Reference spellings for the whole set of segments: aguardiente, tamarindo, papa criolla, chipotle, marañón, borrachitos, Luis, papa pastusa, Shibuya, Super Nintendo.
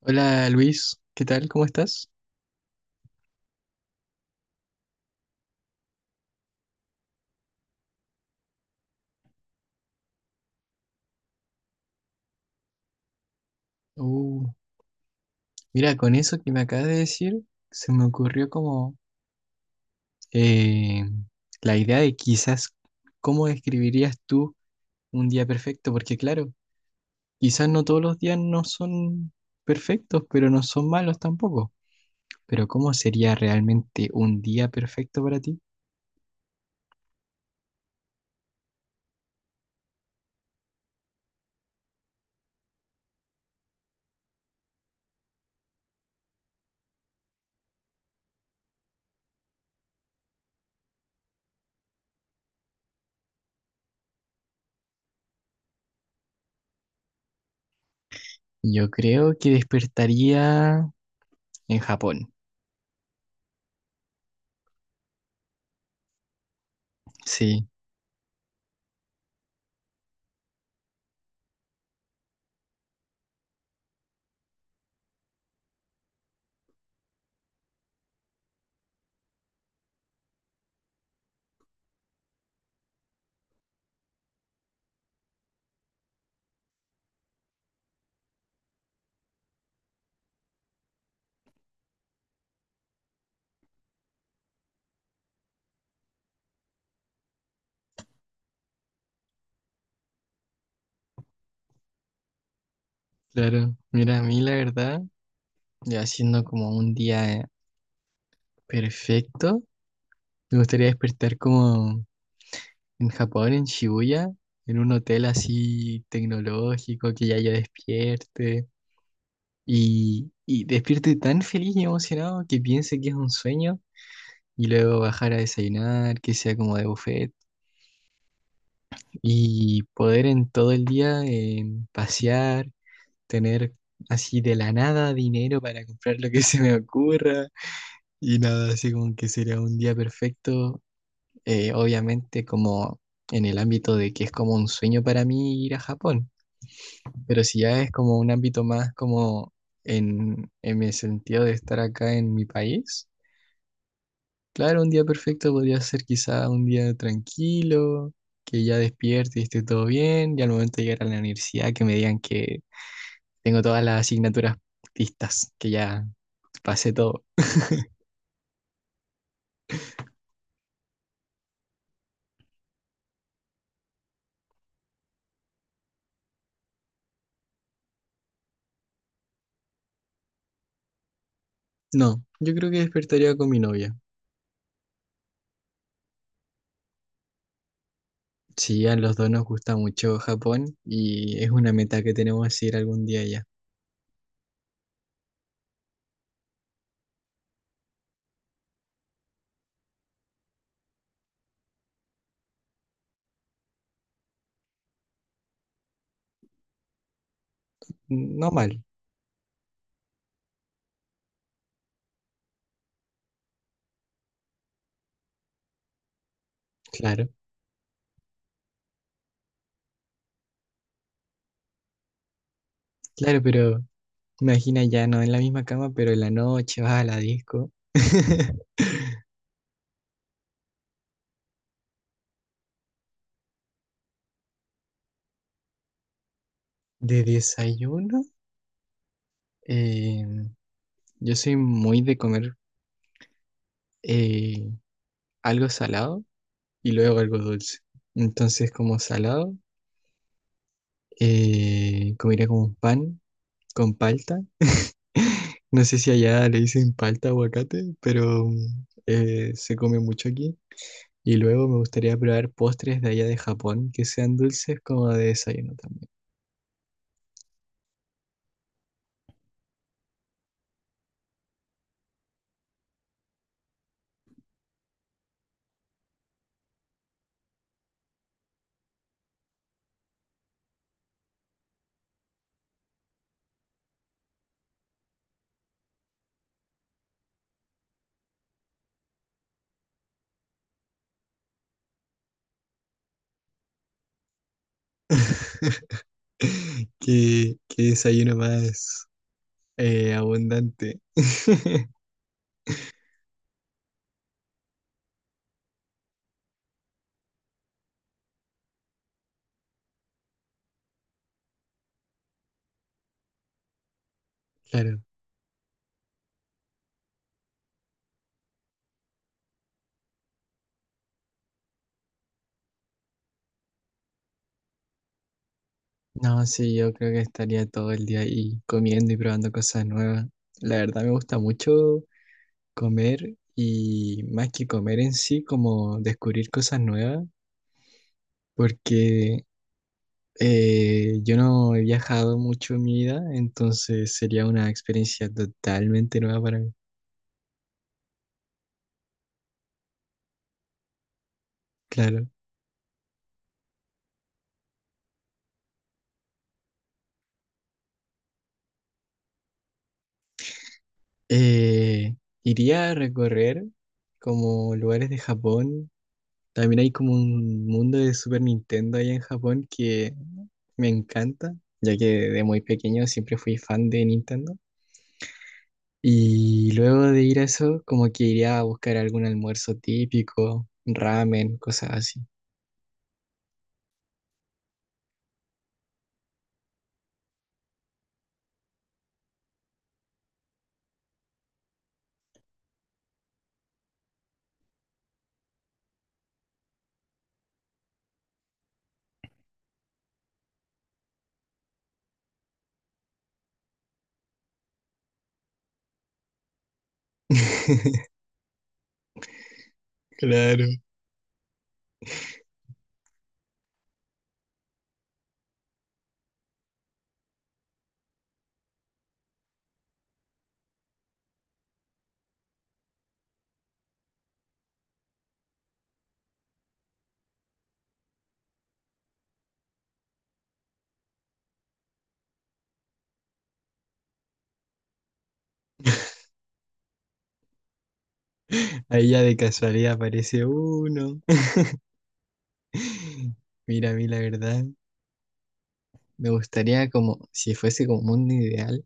Hola Luis, ¿qué tal? ¿Cómo estás? Uh, mira, con eso que me acabas de decir, se me ocurrió como eh, la idea de quizás cómo describirías tú un día perfecto, porque claro, quizás no todos los días no son perfectos, pero no son malos tampoco. Pero ¿cómo sería realmente un día perfecto para ti? Yo creo que despertaría en Japón. Sí, claro. Mira, a mí la verdad, ya siendo como un día perfecto. Me gustaría despertar como en Japón, en Shibuya, en un hotel así tecnológico, que ya yo despierte y despierte tan feliz y emocionado que piense que es un sueño y luego bajar a desayunar, que sea como de buffet y poder en todo el día pasear, tener así de la nada dinero para comprar lo que se me ocurra y nada, así como que sería un día perfecto obviamente como en el ámbito de que es como un sueño para mí ir a Japón, pero si ya es como un ámbito más como en el sentido de estar acá en mi país, claro, un día perfecto podría ser quizá un día tranquilo, que ya despierte y esté todo bien, y al momento de llegar a la universidad que me digan que tengo todas las asignaturas listas, que ya pasé todo. No, yo creo que despertaría con mi novia. Sí, a los dos nos gusta mucho Japón y es una meta que tenemos ir algún día allá. No mal, claro, claro, pero imagina ya no en la misma cama, pero en la noche vas a la disco. De desayuno, eh, yo soy muy de comer eh, algo salado y luego algo dulce. Entonces, como salado, comería como un pan con palta. No sé si allá le dicen palta aguacate, pero mm, se come mucho aquí. Y luego me gustaría probar postres de allá de Japón que sean dulces como de desayuno también. ¿Qué desayuno más abundante? Claro. No, sí, yo creo que estaría todo el día ahí comiendo y probando cosas nuevas. La verdad me gusta mucho comer y más que comer en sí, como descubrir cosas nuevas, porque eh, yo no he viajado mucho en mi vida, entonces sería una experiencia totalmente nueva para mí. Claro. Eh, iría a recorrer como lugares de Japón. También hay como un mundo de Super Nintendo allá en Japón que me encanta, ya que de muy pequeño siempre fui fan de Nintendo. Y luego de ir a eso, como que iría a buscar algún almuerzo típico, ramen, cosas así. Claro. Ahí ya de casualidad aparece uno. Mira, a mí la verdad, me gustaría como, si fuese como mundo ideal,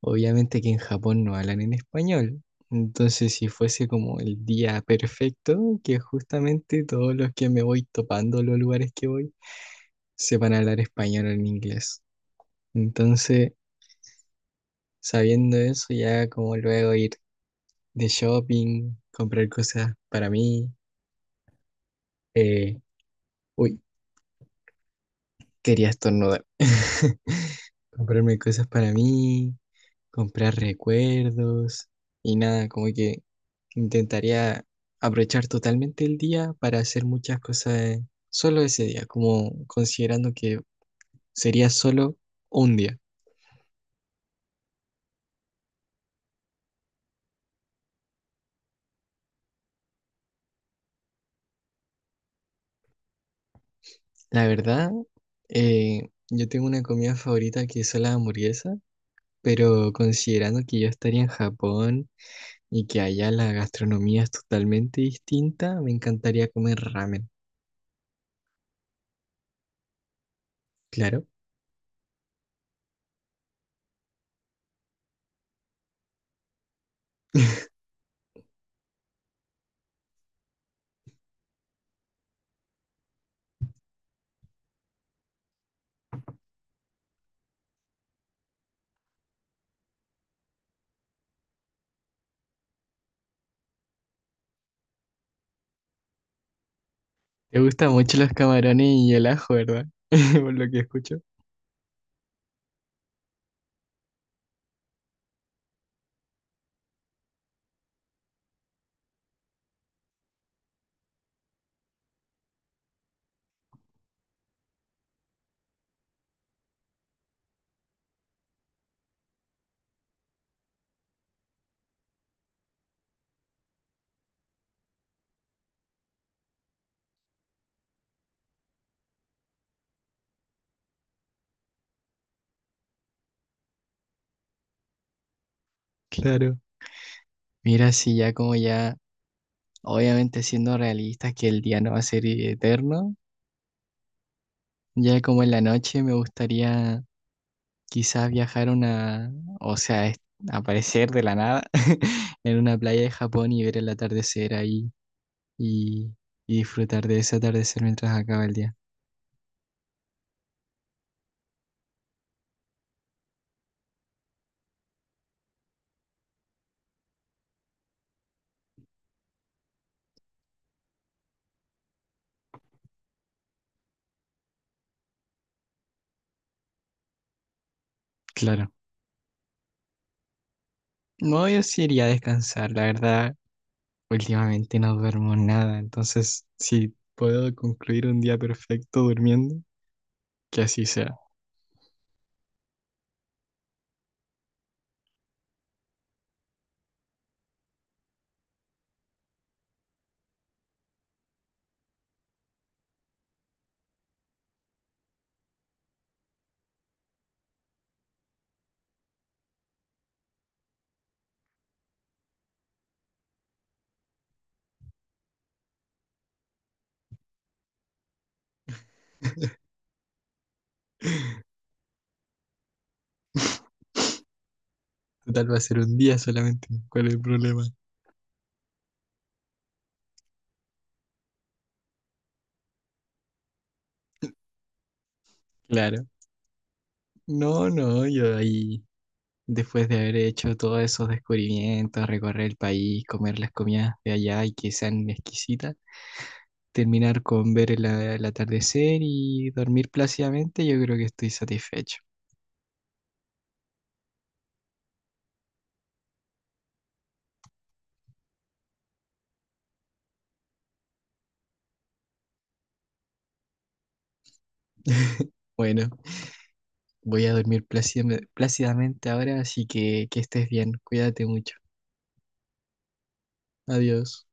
obviamente que en Japón no hablan en español. Entonces, si fuese como el día perfecto, que justamente todos los que me voy topando los lugares que voy sepan hablar español o en inglés. Entonces, sabiendo eso, ya como luego ir de shopping, comprar cosas para mí. eh, uy, quería estornudar. Comprarme cosas para mí, comprar recuerdos y nada, como que intentaría aprovechar totalmente el día para hacer muchas cosas solo ese día, como considerando que sería solo un día. La verdad, yo tengo una comida favorita que es la hamburguesa, pero considerando que yo estaría en Japón y que allá la gastronomía es totalmente distinta, me encantaría comer ramen. Claro. Te gustan mucho los camarones y el ajo, ¿verdad? Por lo que escucho. Claro. Mira, si ya como ya, obviamente siendo realistas que el día no va a ser eterno, ya como en la noche me gustaría quizás viajar a una, o sea, aparecer de la nada en una playa de Japón y ver el atardecer ahí y, y disfrutar de ese atardecer mientras acaba el día. Claro. No, yo sí iría a descansar, la verdad. Últimamente no duermo nada, entonces si puedo concluir un día perfecto durmiendo, que así sea. Total va a ser un día solamente, ¿cuál es el problema? Claro. No, no, yo ahí, después de haber hecho todos esos descubrimientos, recorrer el país, comer las comidas de allá y que sean exquisitas, terminar con ver el atardecer y dormir plácidamente, yo creo que estoy satisfecho. Bueno, voy a dormir plácidamente plácidamente ahora, así que estés bien, cuídate mucho. Adiós.